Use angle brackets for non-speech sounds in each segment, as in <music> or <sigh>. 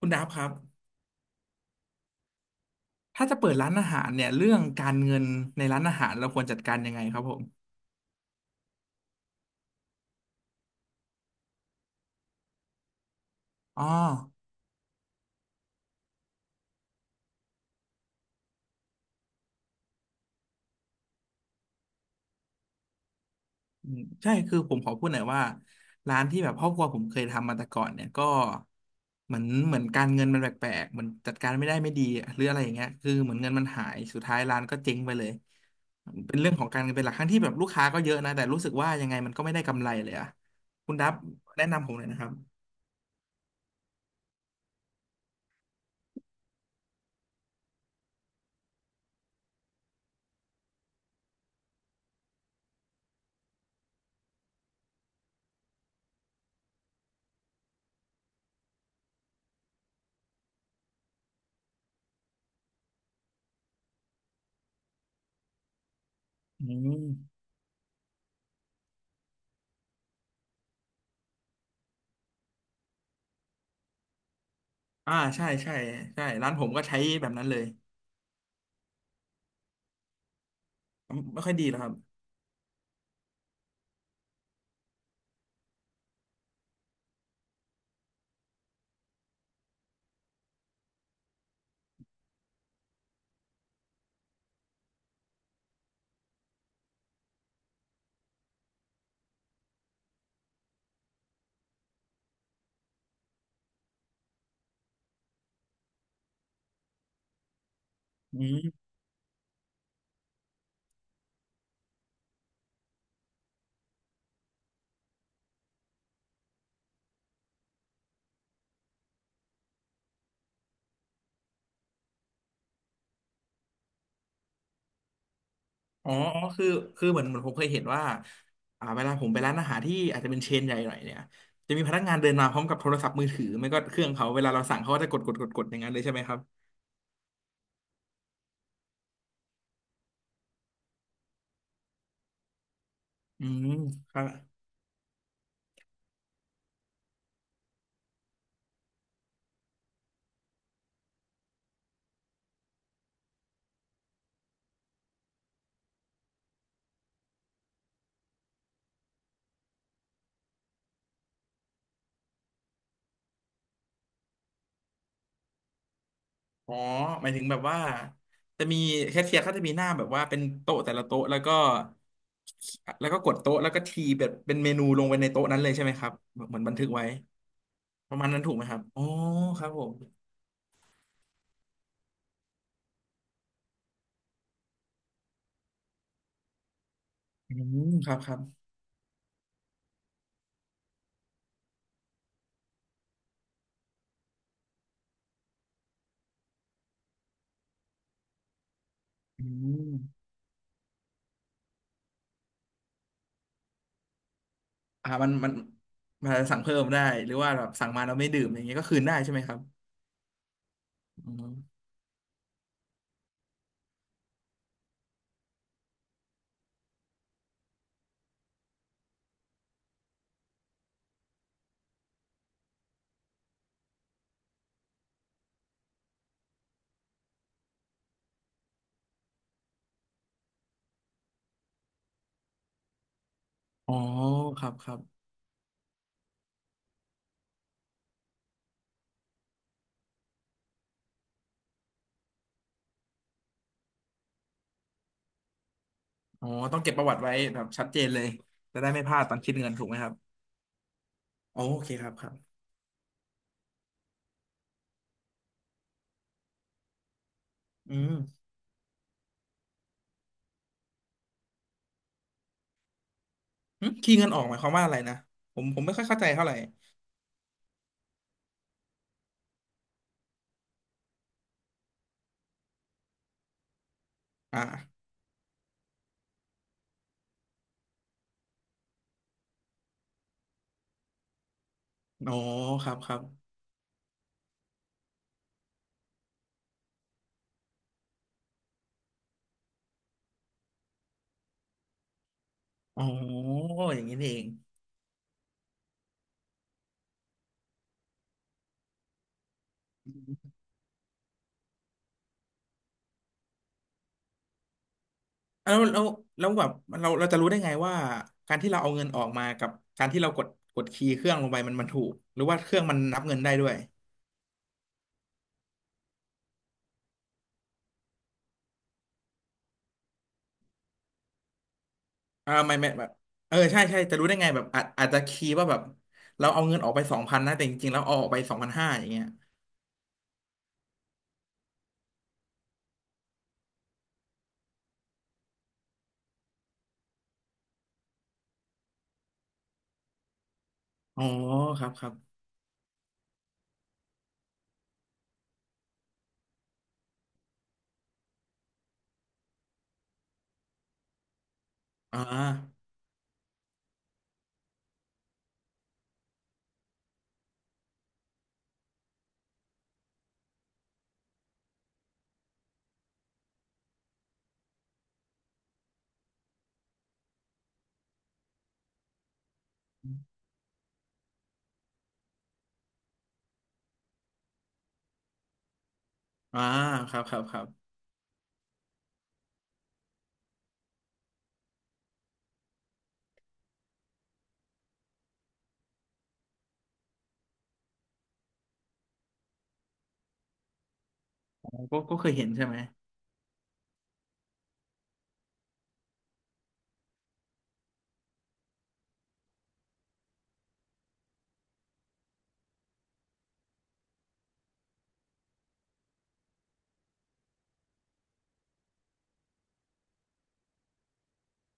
คุณดับครับถ้าจะเปิดร้านอาหารเนี่ยเรื่องการเงินในร้านอาหารเราควรจัดการยังไงครับผมอ๋ออืมใช่คือผมขอพูดหน่อยว่าร้านที่แบบครอบครัวผมเคยทำมาแต่ก่อนเนี่ยก็เหมือนการเงินมันแปลกๆเหมือนจัดการไม่ได้ไม่ดีหรืออะไรอย่างเงี้ยคือเหมือนเงินมันหายสุดท้ายร้านก็เจ๊งไปเลยเป็นเรื่องของการเงินเป็นหลักทั้งที่แบบลูกค้าก็เยอะนะแต่รู้สึกว่ายังไงมันก็ไม่ได้กำไรเลยอะคุณดับแนะนำผมหน่อยนะครับอืมอ่าใช่ใช่ใช่ร้านผมก็ใช้แบบนั้นเลย ไม่ค่อยดีเหรอครับอืมอ๋ออ๋อ คือ คือเหมือนผมเคยเห็นว่าอ่าเวลาผมไปร้านอาหารที่อาจจะเป็นเชนใหญ่หน่อยเนี่ย จะมีพนักงานเดินมาพร้อมกับโทรศัพท์มือถือ ไม่ก็เครื่องเขาเวลาเราสั่งเขาก็จะกดอย่างนั้นเลยใช่ไหมครับอืมครับอ๋อ หมายถึงแบบว่า จะมีแคชเชียร์เขาจะมีหน้าแบบว่าเป็นโต๊ะแต่ละโต๊ะแล้วก็กดโต๊ะแล้วก็ทีแบบเป็นเมนูลงไปในโต๊ะนั้นเลยใช่ไหมครับเหมือนบันทึกไว้ประมาณนั้นถูกไหมครับอ๋อครับผมอืมครับครับอืม อ่ามันอาจจะสั่งเพิ่มได้หรือว่าแบบสั่งมาแล้วไม่ดื่มอย่างเงี้ยก็คืนได้ใช่ไหมครับอืมอ๋อครับครับอ๋อต้องเก็บประวัติไว้แบบชัดเจนเลยจะได้ไม่พลาดตอนคิดเงินถูกไหมครับอ๋อโอเคครับครับอืมหึคีย์เงินออกหมายความว่าอะไรนะผมไม่ค่อยเข้าใจเท่าไหร่อ่าอ๋อครับครับอ๋ออย่างนี้นี่เองอ่ะแล้วแบบเราจะรู้ได้ไงว่าการที่เราเอาเงินออกมากับการที่เรากดคีย์เครื่องลงไปมันมันถูกหรือว่าเครื่องมันนับเงินได้ด้วย อ่าไม่แบบเออใช่ใช่จะรู้ได้ไงแบบอาจจะคีย์ว่าแบบเราเอาเงินออกไปสองพันนะแต่จริงๆแล้วเอาออกไปสองพันห้าอย่างเงี้ยอ๋อครับครับอ่าอ่าครับครับครับอ๋อก็ก็เคยเห็นใช่ไหม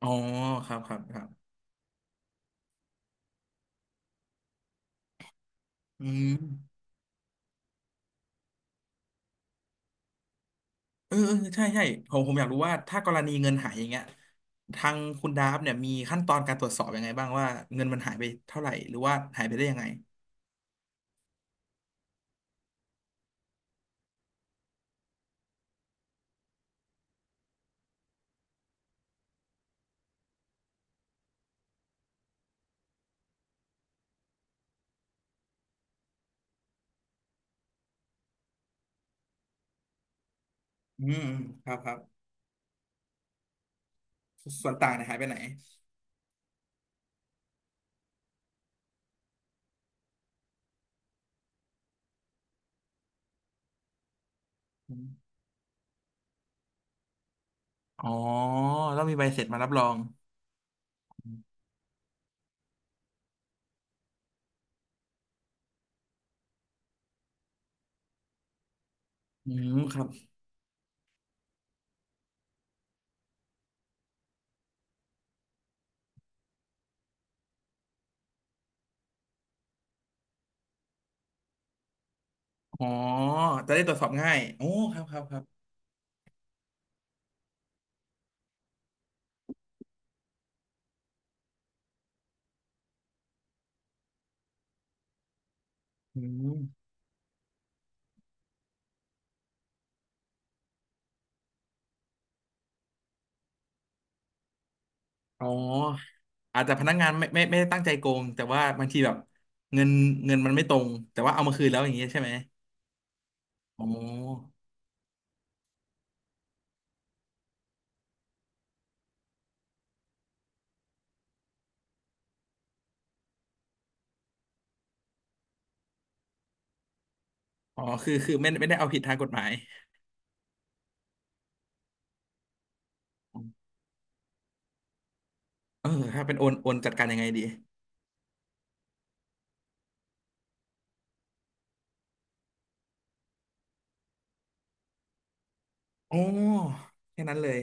อ๋อครับครับครับอืมเออเออใช่ใช่ผมอยากรู้ว่าถ้ากรณีเงินหายอย่างเงี้ยทางคุณดาฟเนี่ยมีขั้นตอนการตรวจสอบยังไงบ้างว่าเงินมันหายไปเท่าไหร่หรือว่าหายไปได้ยังไงอืมอืมครับครับส่วนต่างเนี่ยหายไปไหนอมอ๋อต้องมีใบเสร็จมารับรอง อืมครับอ๋อจะได้ตรวจสอบง่ายโอ้ครับครับครับอืมอ๋ออาจจะพนักงานไม่ได้ตั้งใจโกงแต่ว่าบางทีแบบเงินเงินมันไม่ตรงแต่ว่าเอามาคืนแล้วอย่างเงี้ยใช่ไหมอ๋ออ๋อคือไม่ได้เอาผิดทางกฎหมายเออถ้าเป็นโอนจัดการยังไงดีอ๋อแค่นั้นเลย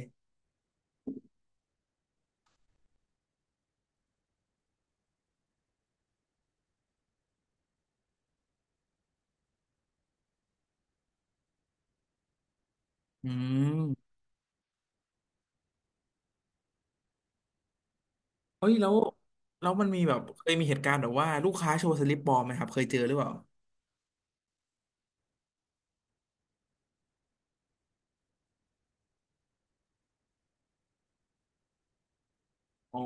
อืมเฮ้ยแล้วมันมีแบบเคยมีเหตุการณ์แบบว่าลูกค้าโชว์สลิปปลอมไหมครับเคยเจอหรือเปล่าอ๋อ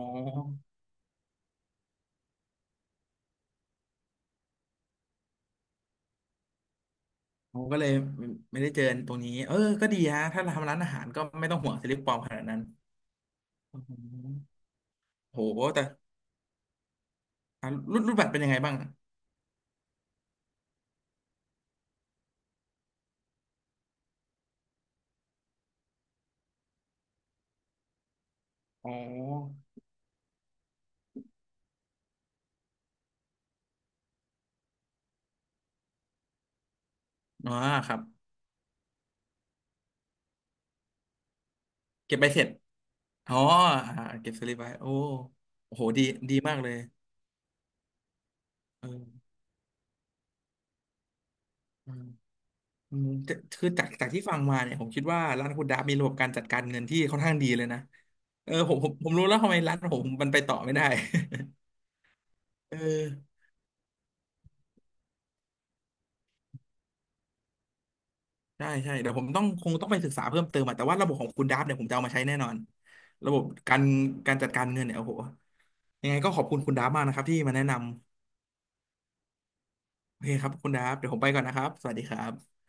ผมก็เลยไม่ไม่ได้เจอตรงนี้เออก็ดีฮะถ้าทำร้านอาหารก็ไม่ต้องห่วงสลิปปลอมขนาดนั้นอืมโห แต่อ่ะรูดบัตรเป็นยังไงบ้าง อ๋ออ๋อครับ เก็บใบเสร็จอ๋ออ่าเก็บสลิปไว้โอ้โอ้โหดีดีมากเลยเอออืมอืมจะคือจากที่ฟังมาเนี่ยผมคิดว่าร้านคุณดาบมีระบบการจัดการเงินที่ค่อนข้างดีเลยนะเออผมรู้แล้วทำไมร้านผมมันไปต่อไม่ได้ <laughs> เออ ใช่ใช่เดี๋ยวผมต้องคงต้องไปศึกษาเพิ่มเติมอะแต่ว่าระบบของคุณดับเนี่ยผมจะเอามาใช้แน่นอนระบบการการจัดการเงินเนี่ยโอ้โหยังไงก็ขอบคุณคุณดับมากนะครับที่มาแนะนำโอเคครับคุณดับเดี๋ยวผมไปก่อนนะครับสวัสดีครับ